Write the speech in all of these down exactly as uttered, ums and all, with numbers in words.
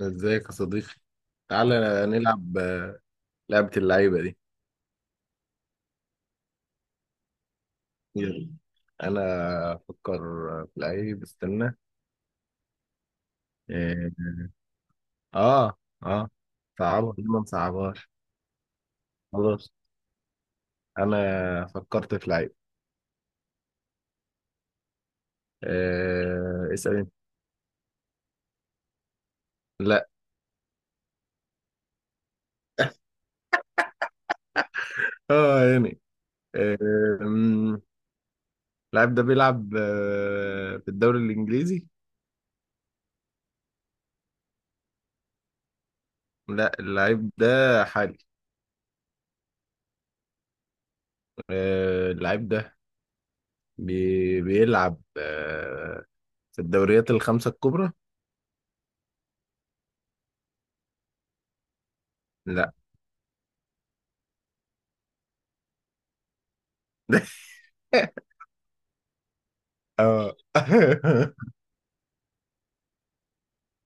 ازيك يا صديقي، تعالى نلعب آه، لعبة اللعيبة دي. يلا. انا افكر في لعيب، استنى. اه. اه. آه. صعبة ليه؟ ما نصعبهاش. خلاص، انا فكرت في لعيب. آه. اسأل انت. لا. اه يعني آه. أمم، اللعيب ده بيلعب آه. في الدوري الانجليزي. لا، اللعيب ده حالي. آه. اللعيب ده بي... بيلعب آه. في الدوريات الخمسة الكبرى. لا. اه.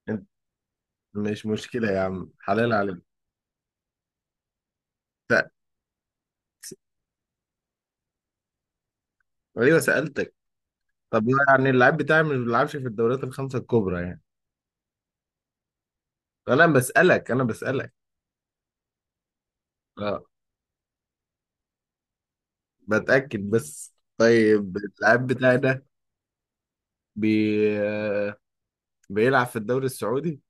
انت، مش مشكلة يا عم، حلال عليك. س- ايوه سألتك. طب ما يعني اللعيب بتاعي مش بيلعبش في الدوريات الخمسة الكبرى يعني. انا بسألك، انا بسألك. اه، بتأكد بس. طيب، اللعيب بتاعي ده بي... آه، بيلعب في الدوري السعودي؟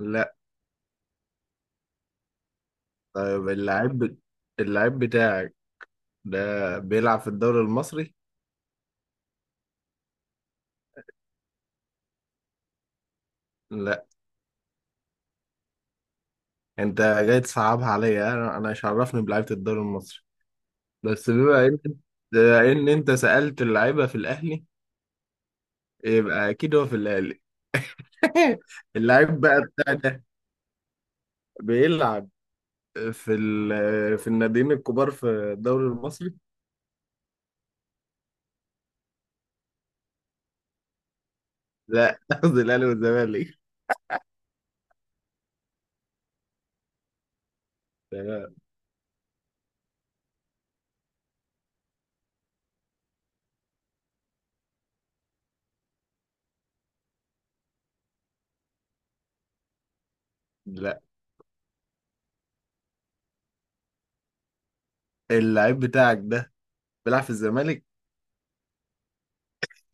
لا. طيب، اللعيب اللعيب بتاعك ده بيلعب في الدوري المصري؟ لا، انت جاي تصعبها عليا. انا انا مش عرفني بلعيبة الدوري المصري، بس بما ان بما ان انت سألت اللعيبة في الاهلي، يبقى اكيد هو في الاهلي. اللعيب بقى بتاع ده بيلعب في ال- في الناديين الكبار في الدوري المصري. لا، قصدي الاهلي والزمالك. تمام. لا، اللعيب بتاعك ده بيلعب في الزمالك؟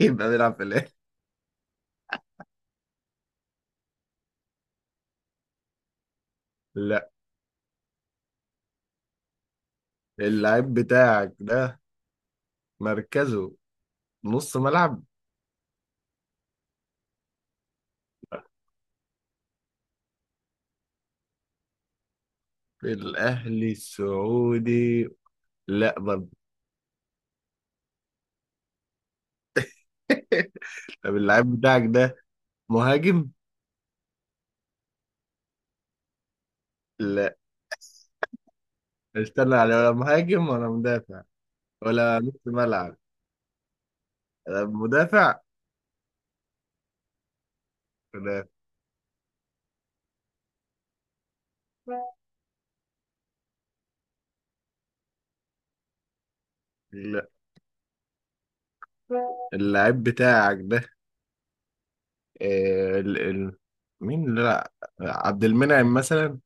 يبقى بيلعب في الاهلي. لا. اللعيب بتاعك ده مركزه نص ملعب. في الاهلي السعودي؟ لا برضه. طب اللعيب بتاعك ده مهاجم؟ لا. استنى يعني، ولا مهاجم ولا مدافع؟ ولا نص ملعب؟ ولا مدافع؟ ولا؟ لا. اللاعب بتاعك ده آه، ال... ال... مين؟ لا، عبد المنعم مثلا؟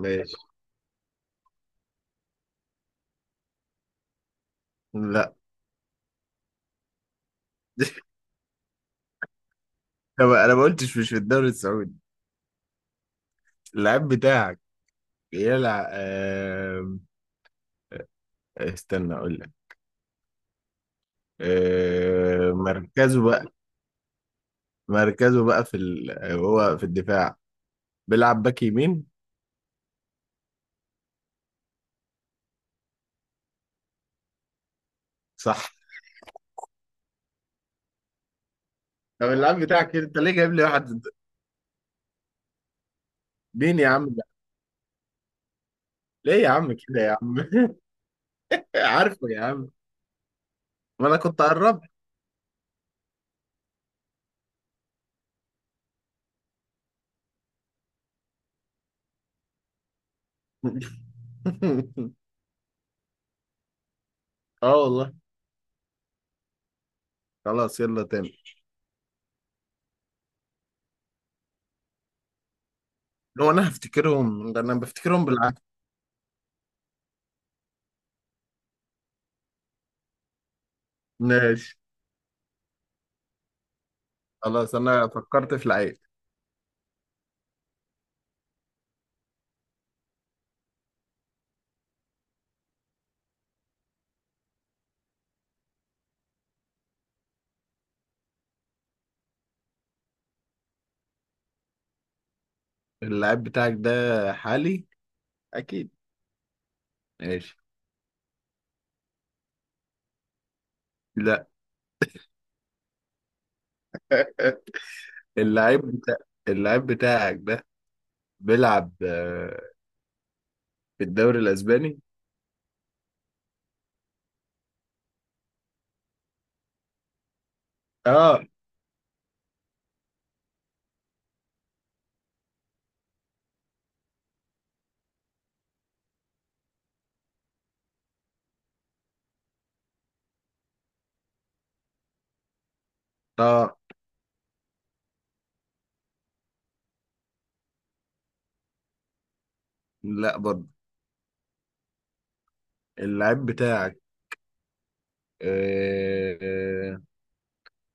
ماشي. لا. طب انا ما قلتش مش في الدوري السعودي. اللاعب بتاعك بيلعب آه... استنى اقول لك. آه... مركزه بقى، مركزه بقى في ال... هو في الدفاع، بيلعب باك يمين. صح. طب اللاعب بتاعك انت ليه جايب لي واحد؟ مين يا عم؟ ليه يا عم كده يا عم؟ عارفه يا عم. ما انا كنت قربت. اه والله. خلاص، يلا تاني. هو انا هفتكرهم انا بفتكرهم بالعافيه. ماشي. خلاص، انا فكرت في لعيب. اللعيب بتاعك ده حالي اكيد؟ ماشي. لا. اللعيب بتاع اللعيب بتاعك ده بيلعب آه، في الدوري الاسباني؟ اه اه. لا برضه. اللعيب بتاعك آه، آه،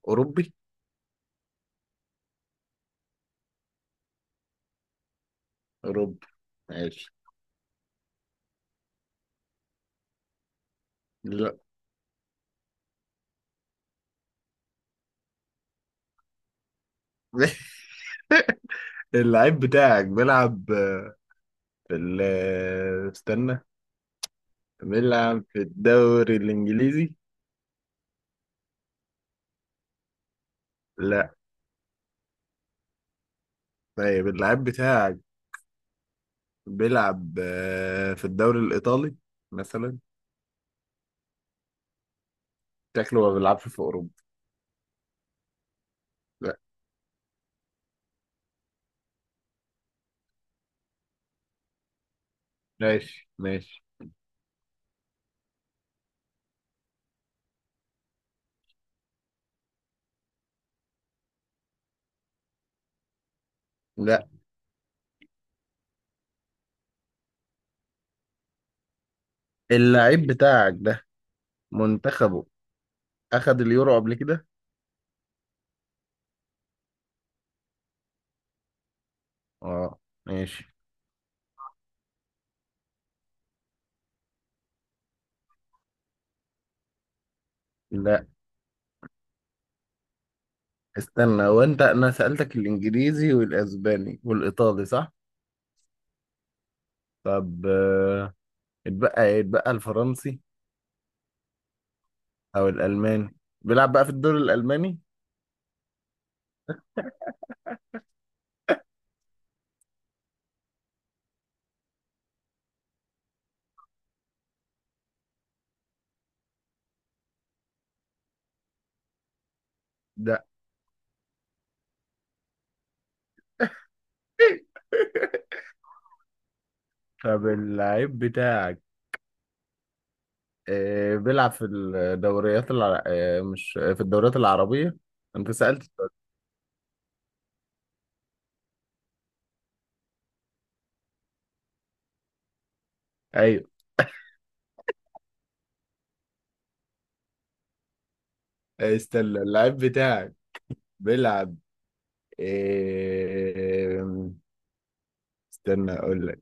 اوروبي؟ اوروبي. ماشي. لا. اللعيب بتاعك بيلعب آه، في ال آه، استنى، بيلعب في الدوري الإنجليزي؟ لا. طيب، اللعيب بتاعك بيلعب آه، في الدوري الإيطالي مثلا؟ شكله ما بيلعبش في أوروبا. لا. ماشي ماشي. لا. اللعيب بتاعك ده منتخبه أخد اليورو قبل كده؟ اه. ماشي. لا، استنى، هو انت انا سألتك الانجليزي والاسباني والايطالي صح؟ طب آه، اتبقى ايه، اتبقى الفرنسي او الالماني. بيلعب بقى في الدوري الالماني ده؟ طب اللعيب بتاعك آه، بيلعب في الدوريات الع... آه، مش في الدوريات العربية. انت سألت السؤال. ايوه. آه، استنى. اللعيب بتاعك بيلعب آه، استنى اقول لك.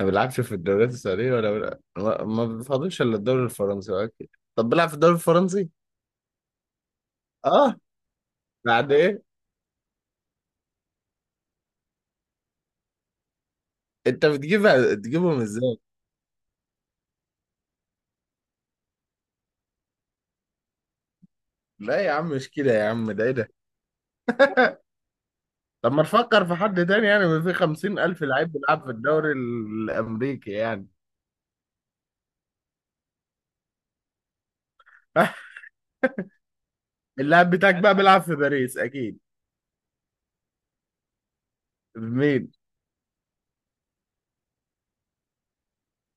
ما بيلعبش في الدوريات السعودية، ولا بيلعب- ما ما بيفضلش الا الدوري الفرنسي. اوكي، طب بيلعب في الدوري الفرنسي؟ اه. بعد ايه؟ انت بتجيبها تجيبهم ازاي؟ لا يا عم مش كده يا عم. ده ايه ده؟ طب ما نفكر في حد تاني يعني. ما في خمسين ألف لعيب بيلعب في الدوري الأمريكي يعني. اللاعب بتاعك بقى بيلعب في باريس أكيد. مين؟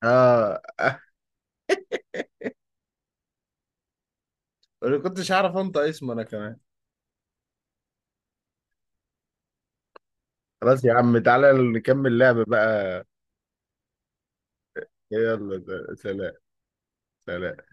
آه. أنا كنتش أعرف أنت اسمه أنا كمان. خلاص يا عم، تعالى نكمل لعب بقى. يلا، سلام. سلام.